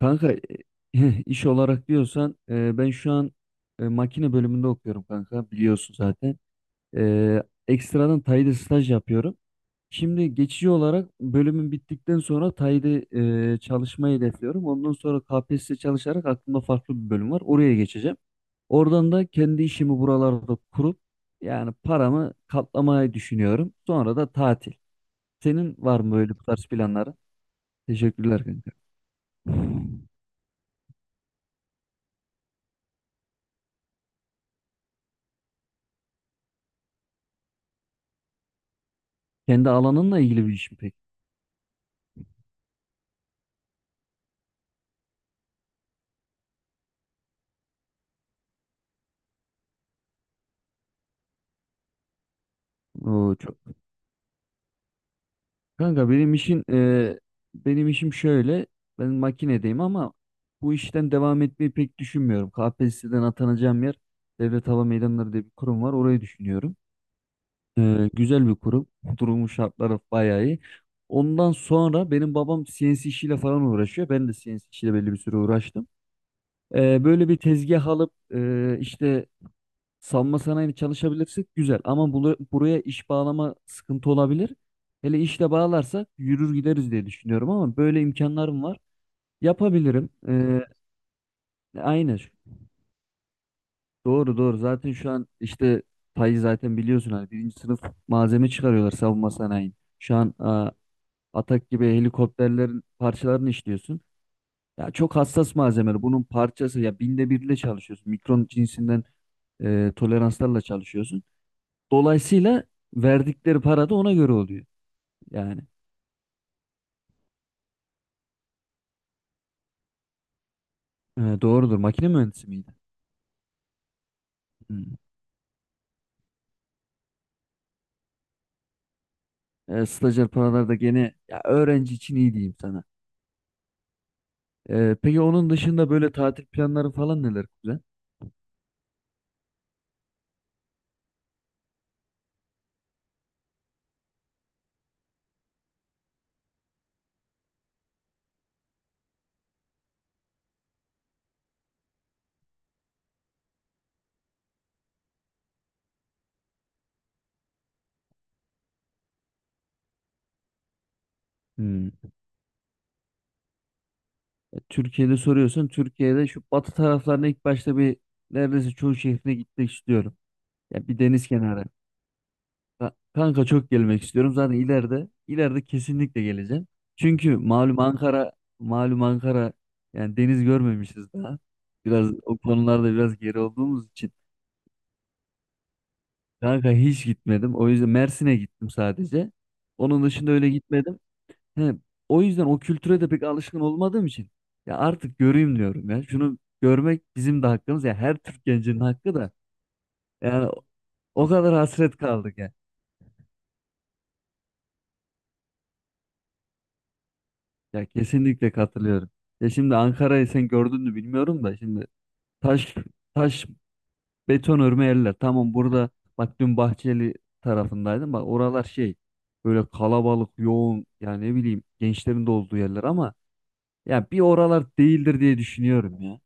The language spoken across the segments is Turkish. Kanka iş olarak diyorsan ben şu an makine bölümünde okuyorum kanka, biliyorsun zaten. Ekstradan Tay'da staj yapıyorum. Şimdi geçici olarak bölümün bittikten sonra Tay'da çalışmayı hedefliyorum. Ondan sonra KPSS çalışarak aklımda farklı bir bölüm var. Oraya geçeceğim. Oradan da kendi işimi buralarda kurup yani paramı katlamayı düşünüyorum. Sonra da tatil. Senin var mı böyle bu tarz planları? Teşekkürler kanka. Kendi alanınla ilgili bir iş mi peki? Oo, çok. Kanka benim işin benim işim şöyle. Ben makinedeyim ama bu işten devam etmeyi pek düşünmüyorum. KPSS'den atanacağım yer, Devlet Hava Meydanları diye bir kurum var. Orayı düşünüyorum. E, güzel bir kurum. Durumun şartları bayağı iyi. Ondan sonra benim babam CNC işiyle falan uğraşıyor. Ben de CNC işiyle belli bir süre uğraştım. E, böyle bir tezgah alıp işte savunma sanayini çalışabilirsek güzel, ama buraya iş bağlama sıkıntı olabilir. Hele işle bağlarsak yürür gideriz diye düşünüyorum, ama böyle imkanlarım var. Yapabilirim. Aynen. Doğru doğru. Zaten şu an işte payı zaten biliyorsun, hani birinci sınıf malzeme çıkarıyorlar savunma sanayi. Şu an Atak gibi helikopterlerin parçalarını işliyorsun. Ya çok hassas malzemeler. Bunun parçası ya binde birle çalışıyorsun. Mikron cinsinden toleranslarla çalışıyorsun. Dolayısıyla verdikleri para da ona göre oluyor. Yani doğrudur. Makine mühendisi miydi? Hmm. E, stajyer paralar da gene ya, öğrenci için iyi diyeyim sana. E, peki onun dışında böyle tatil planları falan neler güzel? Hmm. E, Türkiye'de soruyorsun. Türkiye'de şu batı taraflarına ilk başta bir, neredeyse çoğu şehrine gitmek istiyorum. Ya bir deniz kenarı. Kanka çok gelmek istiyorum. Zaten ileride ileride kesinlikle geleceğim. Çünkü malum Ankara, malum Ankara yani deniz görmemişiz daha. Biraz o konularda biraz geri olduğumuz için. Kanka hiç gitmedim. O yüzden Mersin'e gittim sadece. Onun dışında öyle gitmedim. He, o yüzden o kültüre de pek alışkın olmadığım için ya artık göreyim diyorum ya. Şunu görmek bizim de hakkımız ya, her Türk gencinin hakkı da. Yani o kadar hasret kaldık ya. Ya kesinlikle katılıyorum. Ya şimdi Ankara'yı sen gördün mü bilmiyorum da, şimdi taş taş beton örme yerler. Tamam burada, bak dün Bahçeli tarafındaydım. Bak oralar şey, böyle kalabalık, yoğun, yani ne bileyim gençlerin de olduğu yerler ama ya bir oralar değildir diye düşünüyorum ya.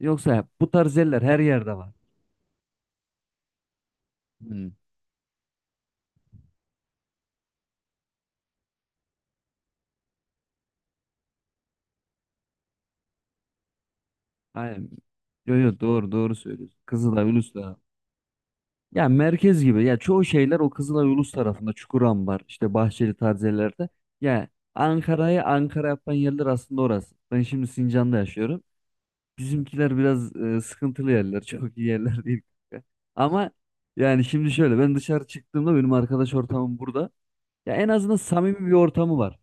Yoksa bu tarz yerler her yerde var. Hmm, aynen. Yo yo, doğru doğru söylüyorsun. Kızılay, Ulus'ta. Ya merkez gibi. Ya çoğu şeyler o Kızılay, Ulus tarafında. Çukurambar, işte Bahçeli tarzı yerlerde. Ya Ankara'yı Ankara yapan yerler aslında orası. Ben şimdi Sincan'da yaşıyorum. Bizimkiler biraz sıkıntılı yerler. Çok iyi yerler değil, kanka. Ama yani şimdi şöyle, ben dışarı çıktığımda benim arkadaş ortamım burada. Ya en azından samimi bir ortamı var.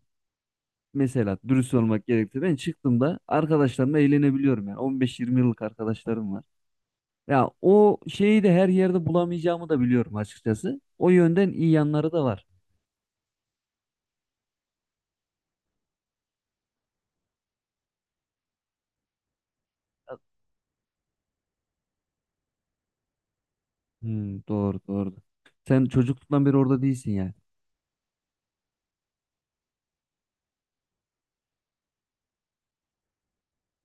Mesela dürüst olmak gerekti. Ben çıktığımda arkadaşlarımla eğlenebiliyorum yani. 15-20 yıllık arkadaşlarım var. Ya o şeyi de her yerde bulamayacağımı da biliyorum açıkçası. O yönden iyi yanları da var. Hmm, doğru doğru. Sen çocukluktan beri orada değilsin yani.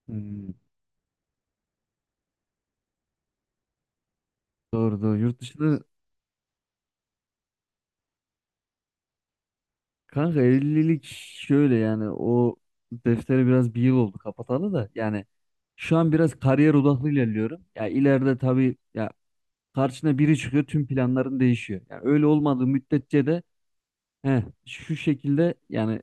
Hmm, doğru doğru. Yurt dışında kanka evlilik şöyle, yani o defteri biraz bir yıl oldu kapatalı da yani şu an biraz kariyer odaklı ilerliyorum. Ya ileride tabii ya, karşına biri çıkıyor tüm planların değişiyor. Yani öyle olmadığı müddetçe de heh, şu şekilde yani.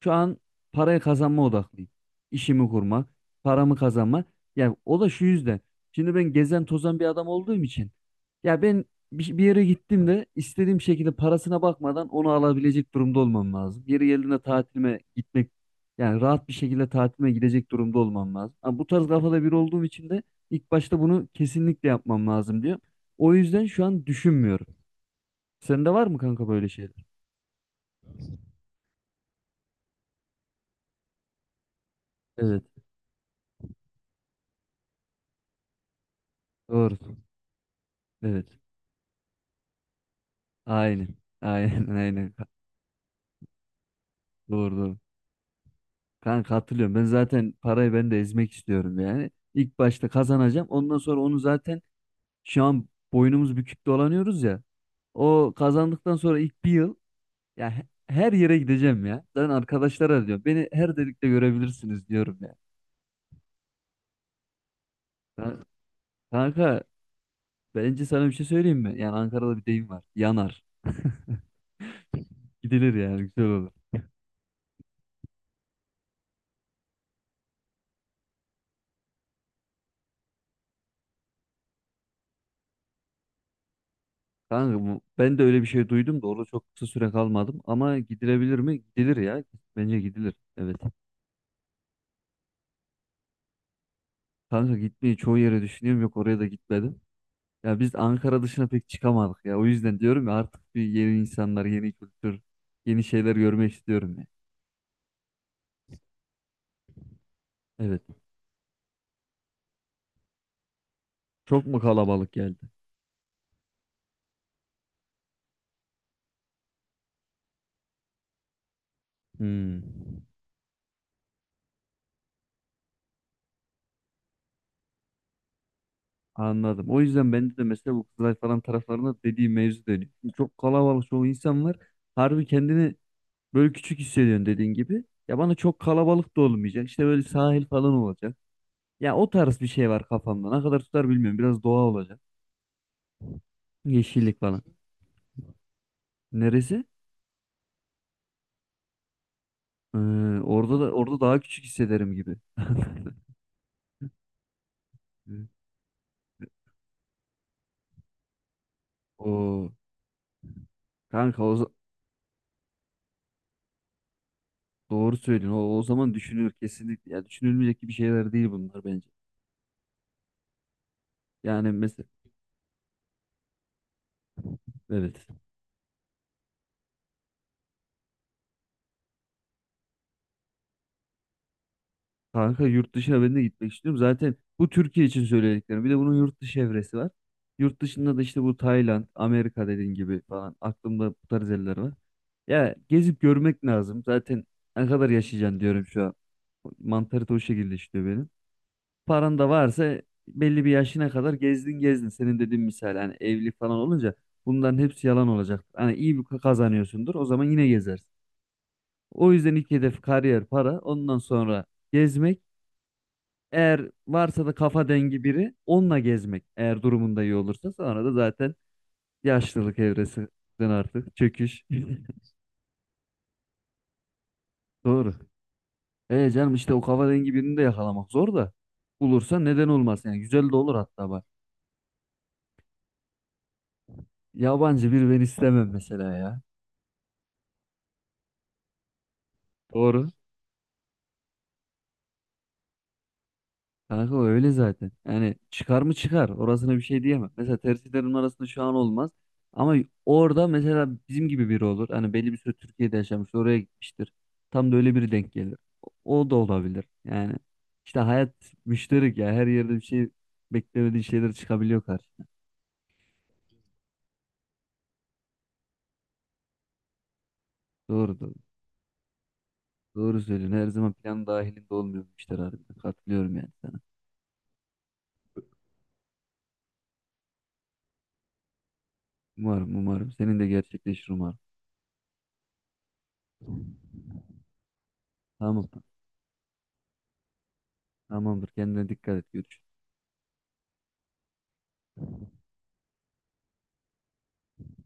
Şu an parayı kazanma odaklıyım. İşimi kurmak, paramı kazanmak. Yani o da şu yüzden. Şimdi ben gezen tozan bir adam olduğum için. Ya ben bir yere gittim de istediğim şekilde parasına bakmadan onu alabilecek durumda olmam lazım. Yeri geldiğinde tatilime gitmek, yani rahat bir şekilde tatilime gidecek durumda olmam lazım. Ama bu tarz kafada biri olduğum için de ilk başta bunu kesinlikle yapmam lazım diyor. O yüzden şu an düşünmüyorum. Sende var mı kanka böyle şeyler? Evet. Doğru. Evet. Aynen. Aynen aynen. Ka- Doğru doğru. Kanka katılıyorum. Ben zaten parayı, ben de ezmek istiyorum yani. İlk başta kazanacağım. Ondan sonra onu zaten şu an boynumuz bükük dolanıyoruz ya. O kazandıktan sonra ilk bir yıl ya her yere gideceğim ya. Ben arkadaşlara diyorum. Beni her delikte görebilirsiniz diyorum ya. Kan- Kanka bence sana bir şey söyleyeyim mi? Yani Ankara'da bir deyim var. Yanar. Gidilir yani, güzel olur. Kanka ben de öyle bir şey duydum da orada çok kısa süre kalmadım, ama gidilebilir mi? Gidilir ya. Bence gidilir. Evet. Kanka gitmeyi çoğu yere düşünüyorum, yok oraya da gitmedim. Ya biz Ankara dışına pek çıkamadık ya. O yüzden diyorum ya, artık bir yeni insanlar, yeni kültür, yeni şeyler görmek istiyorum ya. Evet. Çok mu kalabalık geldi? Hmm. Anladım. O yüzden bende de mesela bu Kızılay falan taraflarında dediğim mevzu dönüyor. Şimdi çok kalabalık, çoğu insan var. Harbi kendini böyle küçük hissediyorsun dediğin gibi. Ya bana çok kalabalık da olmayacak. İşte böyle sahil falan olacak. Ya o tarz bir şey var kafamda. Ne kadar tutar bilmiyorum. Biraz doğa olacak. Yeşillik falan. Neresi? Ee, orada daha küçük hissederim gibi. O kanka doğru söylüyorsun. O zaman düşünülür kesinlikle. Ya düşünülmeyecek gibi şeyler değil bunlar bence. Yani mesela evet. Kanka yurt dışına ben de gitmek istiyorum. Zaten bu Türkiye için söylediklerim. Bir de bunun yurt dışı evresi var. Yurt dışında da işte bu Tayland, Amerika dediğin gibi falan. Aklımda bu tarz yerler var. Ya gezip görmek lazım. Zaten ne kadar yaşayacaksın diyorum şu an. Mantarite o şekilde işliyor benim. Paran da varsa belli bir yaşına kadar gezdin gezdin. Senin dediğin misal hani evlilik falan olunca bunların hepsi yalan olacak. Hani iyi bir kazanıyorsundur, o zaman yine gezersin. O yüzden ilk hedef kariyer, para, ondan sonra gezmek, eğer varsa da kafa dengi biri onunla gezmek, eğer durumunda iyi olursa sonra da zaten yaşlılık evresinden artık çöküş. Doğru. E canım, işte o kafa dengi birini de yakalamak zor da, bulursa neden olmaz, yani güzel de olur hatta bak. Yabancı bir ben istemem mesela ya. Doğru. Kanka o öyle zaten. Yani çıkar mı çıkar. Orasına bir şey diyemem. Mesela tercihlerin arasında şu an olmaz. Ama orada mesela bizim gibi biri olur. Hani belli bir süre Türkiye'de yaşamış, oraya gitmiştir. Tam da öyle biri denk gelir. O da olabilir. Yani işte hayat müşterik ya. Her yerde bir şey, beklemediğin şeyler çıkabiliyor karşına. Doğru doğru. Doğru söylüyorsun. Her zaman plan dahilinde olmuyor bu işler harbiden. Katılıyorum yani sana. Umarım umarım. Senin de gerçekleşir umarım. Tamam. Tamamdır. Kendine dikkat et. Görüşürüz.